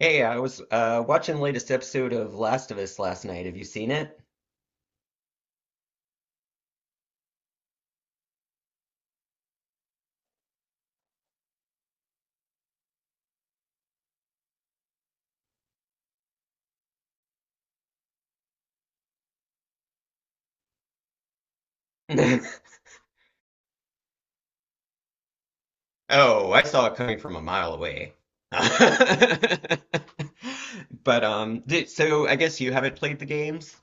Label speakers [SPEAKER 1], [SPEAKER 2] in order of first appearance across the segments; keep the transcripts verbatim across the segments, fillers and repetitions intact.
[SPEAKER 1] Hey, I was uh, watching the latest episode of Last of Us last night. Have you seen it? Oh, I saw it coming from a mile away. But um, th- so I guess you haven't played the games?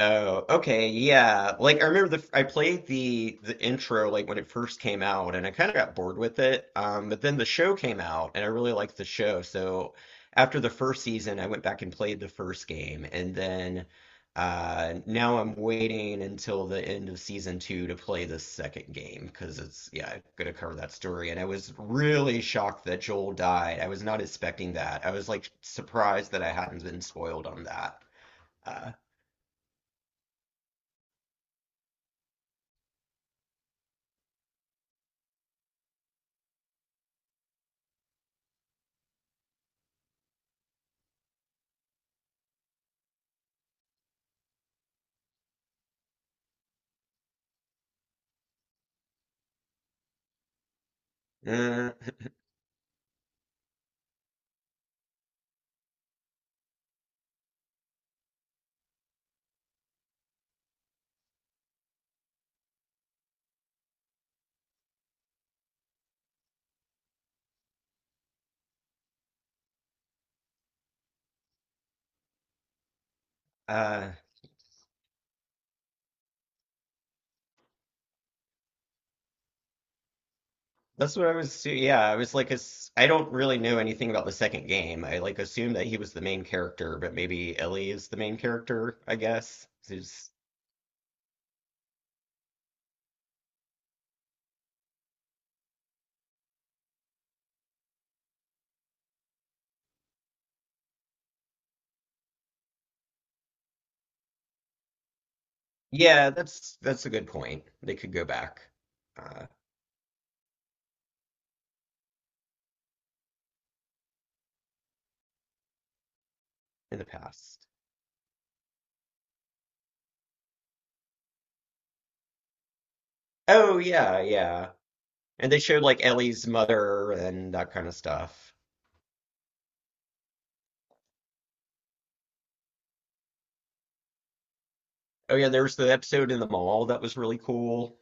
[SPEAKER 1] Oh, okay, yeah. Like I remember the I played the the intro like when it first came out, and I kind of got bored with it. Um, but then the show came out, and I really liked the show. So after the first season, I went back and played the first game, and then uh, now I'm waiting until the end of season two to play the second game because it's yeah, gonna cover that story. And I was really shocked that Joel died. I was not expecting that. I was like surprised that I hadn't been spoiled on that. Uh, Uh, that's what I was. Assu- Yeah, I was like, ass- I don't really know anything about the second game. I like assumed that he was the main character, but maybe Ellie is the main character, I guess. There's- yeah, that's that's a good point. They could go back, uh, in the past. Oh yeah, yeah. And they showed like Ellie's mother and that kind of stuff. Oh yeah, there was the episode in the mall that was really cool.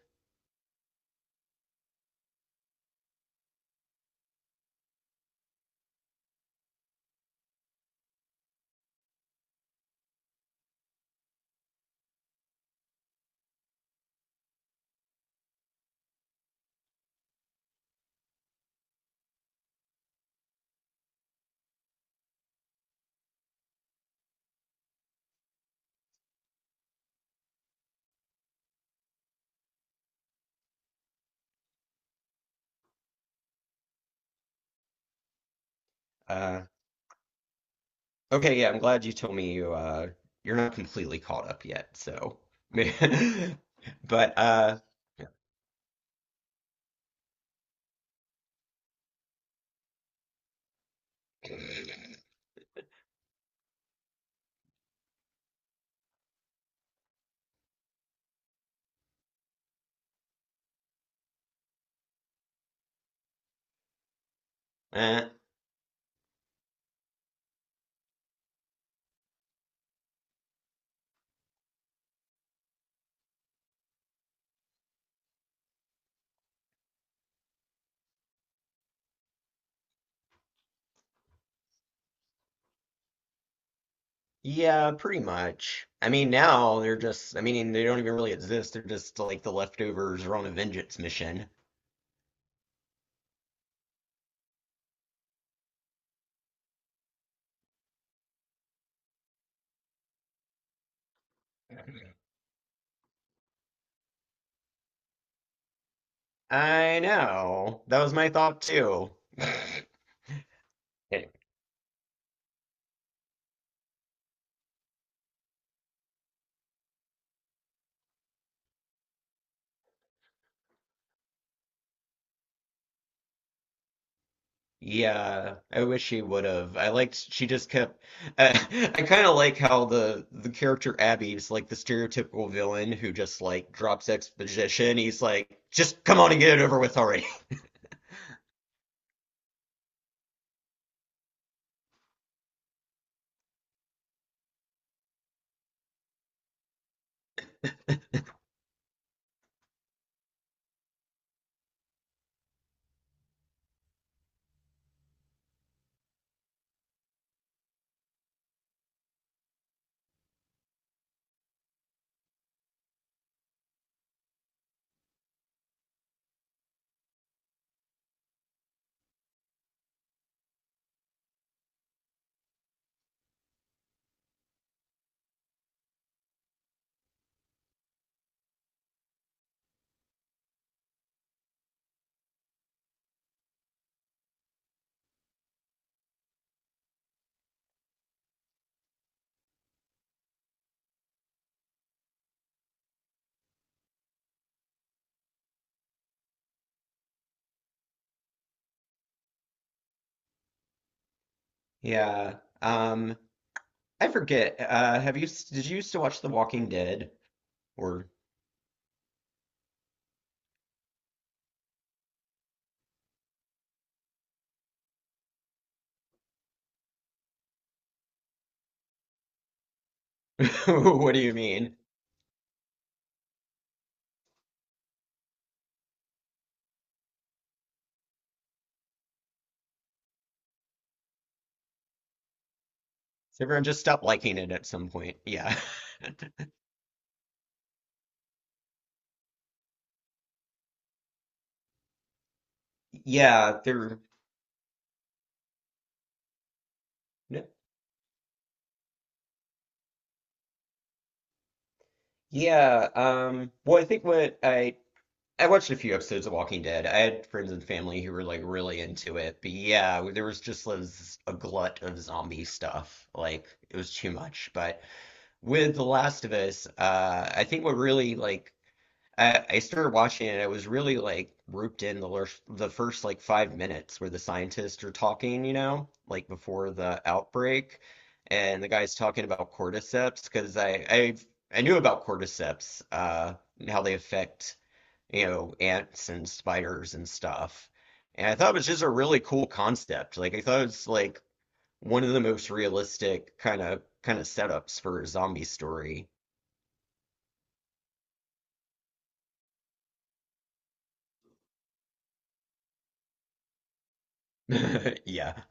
[SPEAKER 1] Uh, Okay, yeah, I'm glad you told me you uh you're not completely caught up yet, so but uh eh, yeah, pretty much. I mean now they're just I mean they don't even really exist. They're just like the leftovers are on a vengeance mission. I know. That was my thought too. Yeah, I wish she would have. I liked she just kept I, I kind of like how the the character Abby is like the stereotypical villain who just like drops exposition. He's like, "Just come on and get it over with already." Yeah. Um I forget. Uh have you Did you used to watch The Walking Dead or what do you mean? So everyone just stopped liking it at some point. Yeah. Yeah, they're no- Yeah, um well I think what I I watched a few episodes of Walking Dead. I had friends and family who were like really into it, but yeah, there was just was a glut of zombie stuff. Like it was too much. But with The Last of Us, uh, I think what really like I, I started watching it. I was really like roped in the lir- the first like five minutes where the scientists are talking, you know, like before the outbreak, and the guy's talking about cordyceps because I I I knew about cordyceps, uh, and how they affect you know, ants and spiders and stuff. And I thought it was just a really cool concept. Like I thought it was like one of the most realistic kind of kind of setups for a zombie story. Yeah.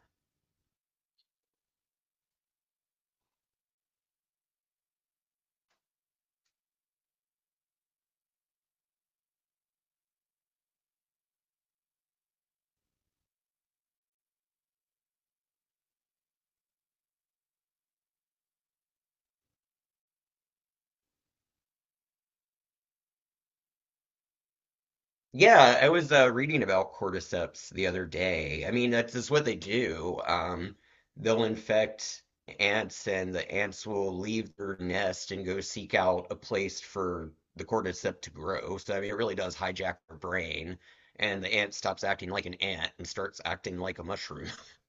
[SPEAKER 1] Yeah, I was uh, reading about cordyceps the other day. I mean, that's just what they do. Um, they'll infect ants, and the ants will leave their nest and go seek out a place for the cordyceps to grow. So, I mean, it really does hijack their brain, and the ant stops acting like an ant and starts acting like a mushroom.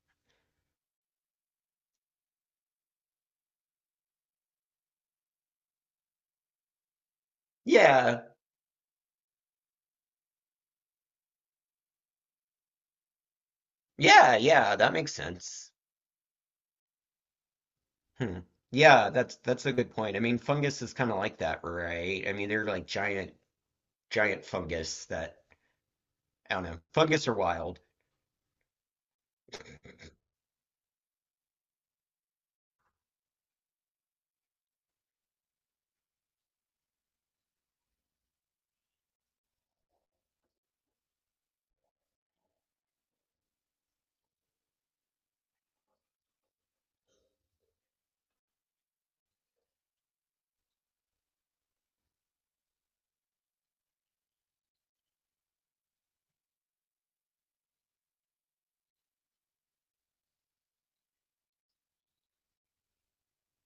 [SPEAKER 1] Yeah, yeah, yeah, that makes sense. Hmm. Yeah, that's that's a good point. I mean, fungus is kind of like that, right? I mean, they're like giant giant fungus that I don't know. Fungus are wild.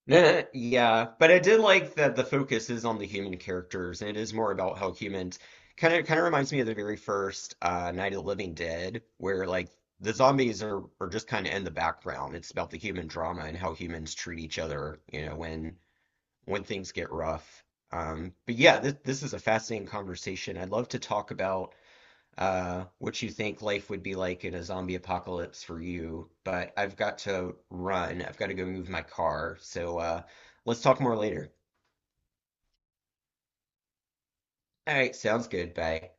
[SPEAKER 1] Yeah, but I did like that the focus is on the human characters, and it is more about how humans kind of kind of reminds me of the very first uh, Night of the Living Dead, where like the zombies are are just kind of in the background. It's about the human drama and how humans treat each other, you know, when when things get rough. Um, but yeah, this this is a fascinating conversation. I'd love to talk about uh, what you think life would be like in a zombie apocalypse for you, but I've got to run. I've got to go move my car. So uh, let's talk more later. All right, sounds good. Bye.